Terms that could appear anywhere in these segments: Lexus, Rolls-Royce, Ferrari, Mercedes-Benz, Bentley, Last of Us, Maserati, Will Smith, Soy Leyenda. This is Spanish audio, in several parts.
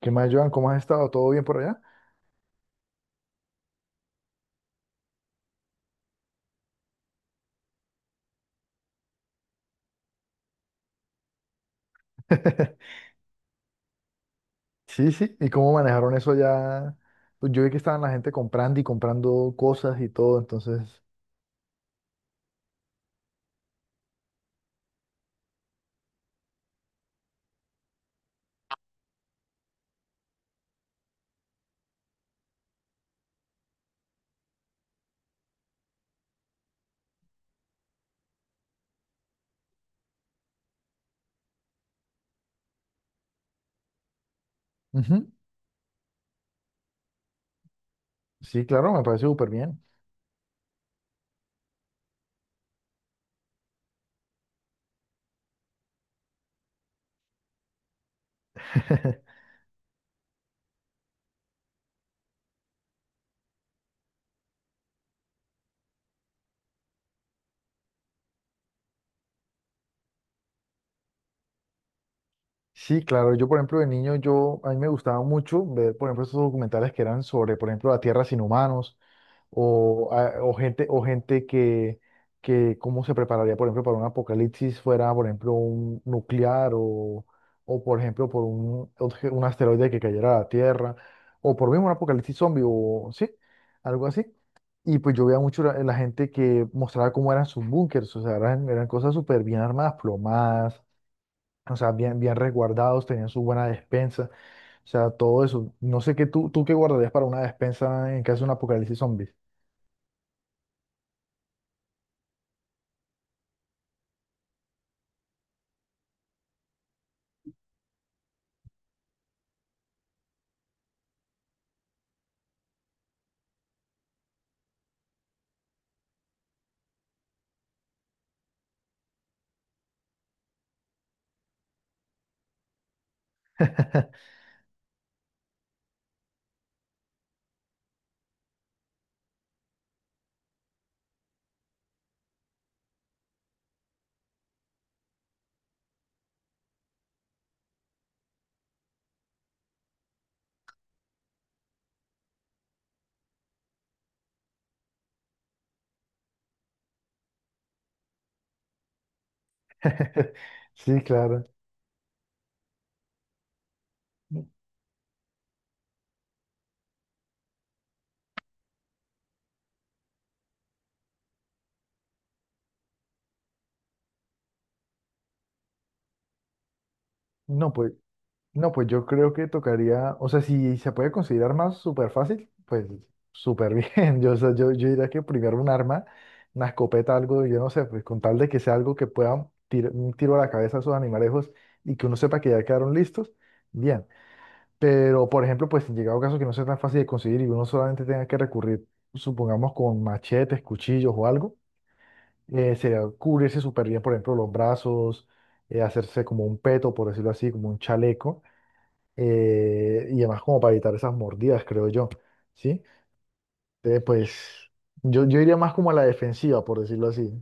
¿Qué más, Joan? ¿Cómo has estado? ¿Todo bien por allá? Sí, sí. ¿Y cómo manejaron eso allá? Pues yo vi que estaban la gente comprando y comprando cosas y todo, entonces... ujú. Sí, claro, me parece súper bien. Sí, claro. Yo, por ejemplo, de niño, a mí me gustaba mucho ver, por ejemplo, esos documentales que eran sobre, por ejemplo, la Tierra sin humanos o, o gente, que cómo se prepararía, por ejemplo, para un apocalipsis fuera, por ejemplo, un nuclear o por ejemplo, por un asteroide que cayera a la Tierra, o por mismo un apocalipsis zombie, o sí, algo así. Y pues yo veía mucho la gente que mostraba cómo eran sus búnkers, o sea, eran cosas súper bien armadas, plomadas, o sea, bien, bien resguardados, tenían su buena despensa, o sea, todo eso. No sé qué tú, tú qué guardarías para una despensa en caso de un apocalipsis zombie. Sí, claro. No, pues, no, pues yo creo que tocaría, o sea, si se puede considerar más súper fácil, pues súper bien. Yo, o sea, yo diría que primero un arma, una escopeta, algo, yo no sé, pues con tal de que sea algo que pueda tirar un tiro a la cabeza a esos animalejos y que uno sepa que ya quedaron listos, bien. Pero, por ejemplo, pues en llegado caso que no sea tan fácil de conseguir y uno solamente tenga que recurrir, supongamos, con machetes, cuchillos o algo. Sería cubrirse súper bien, por ejemplo, los brazos, hacerse como un peto, por decirlo así, como un chaleco, y además como para evitar esas mordidas, creo yo, ¿sí? Entonces, pues yo iría más como a la defensiva, por decirlo así.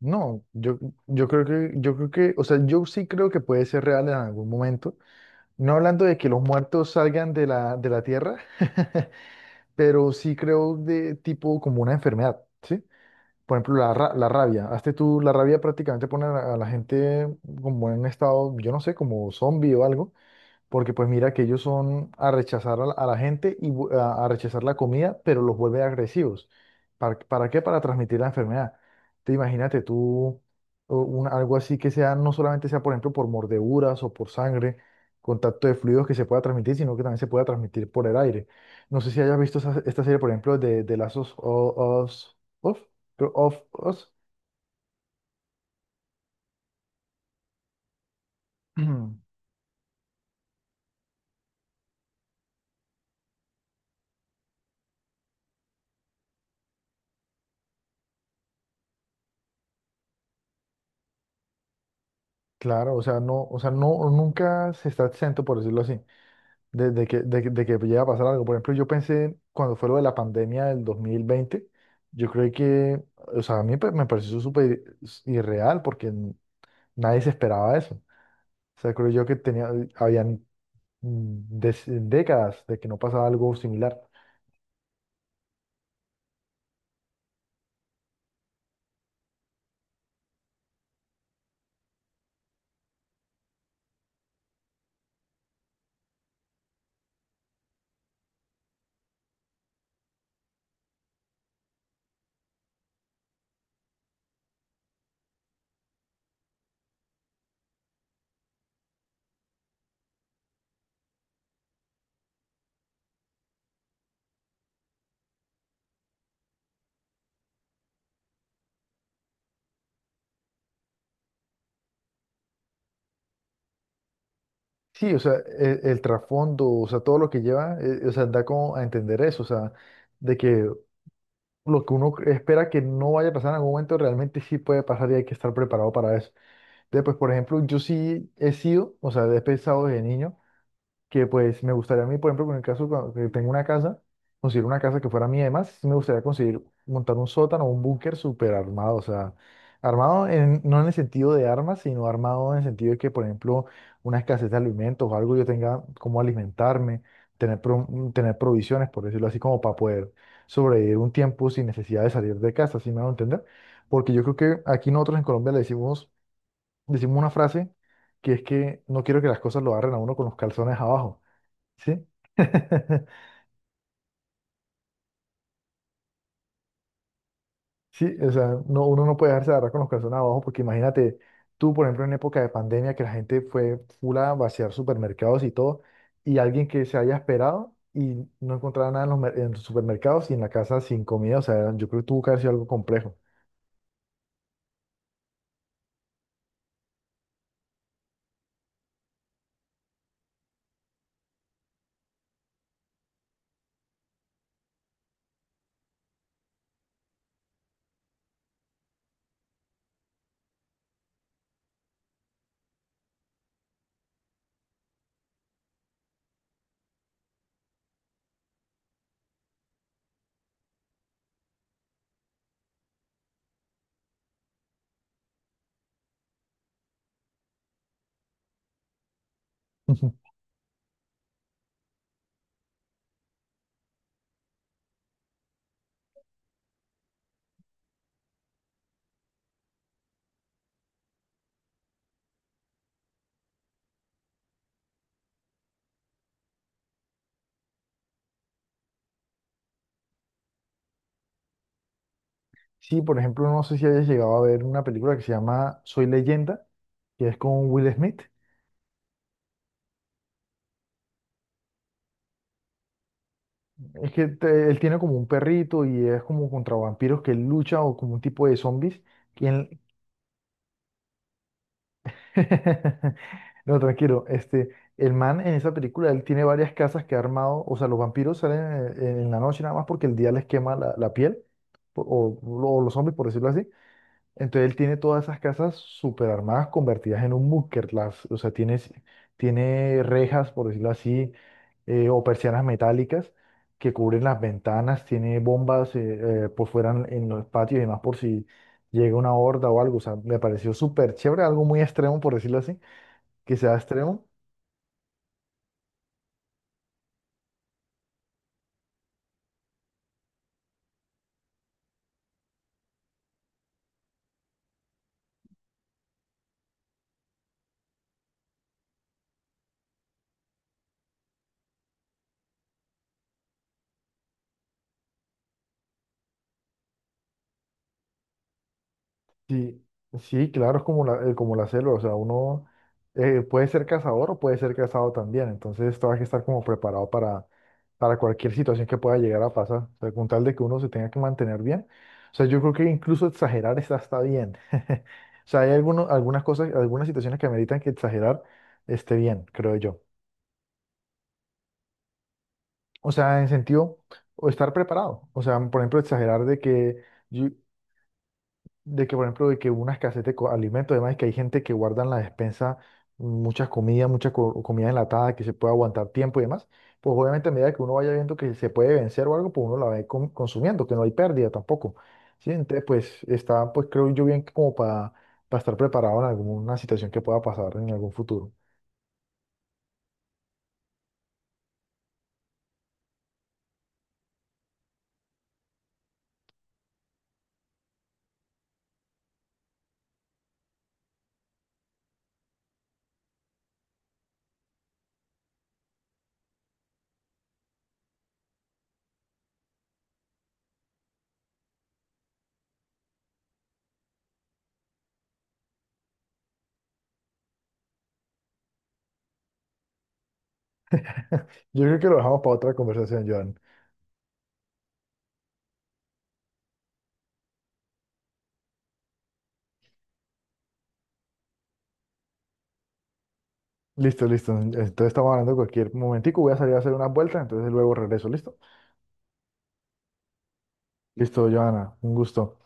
No, yo, yo creo que, o sea, yo sí creo que puede ser real en algún momento. No hablando de que los muertos salgan de de la tierra, pero sí creo de tipo como una enfermedad, ¿sí? Por ejemplo, la rabia. Hazte tú, la rabia prácticamente pone a a la gente como en un estado, yo no sé, como zombie o algo. Porque pues mira que ellos son a rechazar a a la gente y a rechazar la comida, pero los vuelve agresivos. Para qué? Para transmitir la enfermedad. Te imagínate tú o algo así que sea, no solamente sea, por ejemplo, por mordeduras o por sangre, contacto de fluidos que se pueda transmitir, sino que también se pueda transmitir por el aire. No sé si hayas visto esta serie, por ejemplo, de Last of Of, of Us. Claro, o sea, no, nunca se está exento, por decirlo así. De, de que llega a pasar algo. Por ejemplo, yo pensé cuando fue lo de la pandemia del 2020, yo creo que, o sea, a me pareció súper irreal porque nadie se esperaba eso. O sea, creo yo que tenía, habían décadas de que no pasaba algo similar. Sí, o sea, el, trasfondo, o sea, todo lo que lleva, o sea, da como a entender eso, o sea, de que lo que uno espera que no vaya a pasar en algún momento realmente sí puede pasar y hay que estar preparado para eso. Entonces, pues, por ejemplo, yo sí he sido, o sea, he pensado desde niño que, pues, me gustaría a mí, por ejemplo, en el caso que tengo una casa, conseguir una casa que fuera mía, además, sí me gustaría conseguir montar un sótano o un búnker súper armado, o sea, armado no en el sentido de armas, sino armado en el sentido de que, por ejemplo, una escasez de alimentos o algo yo tenga cómo alimentarme, tener, tener provisiones, por decirlo así, como para poder sobrevivir un tiempo sin necesidad de salir de casa, ¿sí me a entender? Porque yo creo que aquí nosotros en Colombia le decimos una frase que es que no quiero que las cosas lo agarren a uno con los calzones abajo, ¿sí? Sí, o sea, no, uno no puede dejarse agarrar con los calzones abajo porque imagínate tú, por ejemplo, en época de pandemia que la gente fue full a vaciar supermercados y todo, y alguien que se haya esperado y no encontraba nada en en los supermercados y en la casa sin comida, o sea, yo creo que tuvo que haber sido algo complejo. Sí, por ejemplo, no sé si hayas llegado a ver una película que se llama Soy Leyenda, que es con Will Smith. Es que él tiene como un perrito y es como contra vampiros que él lucha o como un tipo de zombies. ¿Quién- No, tranquilo. Este, el man en esa película, él tiene varias casas que ha armado. O sea, los vampiros salen en la noche nada más porque el día les quema la piel. po- O, o los zombies, por decirlo así. Entonces él tiene todas esas casas super armadas convertidas en un búnker. Las, o sea, tiene, tiene rejas, por decirlo así, o persianas metálicas que cubren las ventanas. Tiene bombas por fuera en los patios y demás por si llega una horda o algo. O sea, me pareció súper chévere, algo muy extremo, por decirlo así, que sea extremo. Sí, sí, claro, es como la selva, o sea, uno puede ser cazador o puede ser cazado también, entonces todo hay que estar como preparado para cualquier situación que pueda llegar a pasar, o sea, con tal de que uno se tenga que mantener bien, o sea, yo creo que incluso exagerar está, está bien, o sea, hay algunas cosas, algunas situaciones que ameritan que exagerar esté bien, creo yo, o sea, en sentido, o estar preparado, o sea, por ejemplo, exagerar de que, por ejemplo, de que hubo una escasez de alimentos, además, que hay gente que guarda en la despensa muchas comidas, comida enlatada que se puede aguantar tiempo y demás, pues obviamente a medida que uno vaya viendo que se puede vencer o algo, pues uno la va a ir consumiendo, que no hay pérdida tampoco. ¿Sí? Entonces, pues está, pues creo yo bien que como para estar preparado en alguna situación que pueda pasar en algún futuro. Yo creo que lo dejamos para otra conversación, Joan. Listo, listo. Entonces estamos hablando en cualquier momentico. Voy a salir a hacer una vuelta, entonces luego regreso. ¿Listo? Listo, Joana. Un gusto.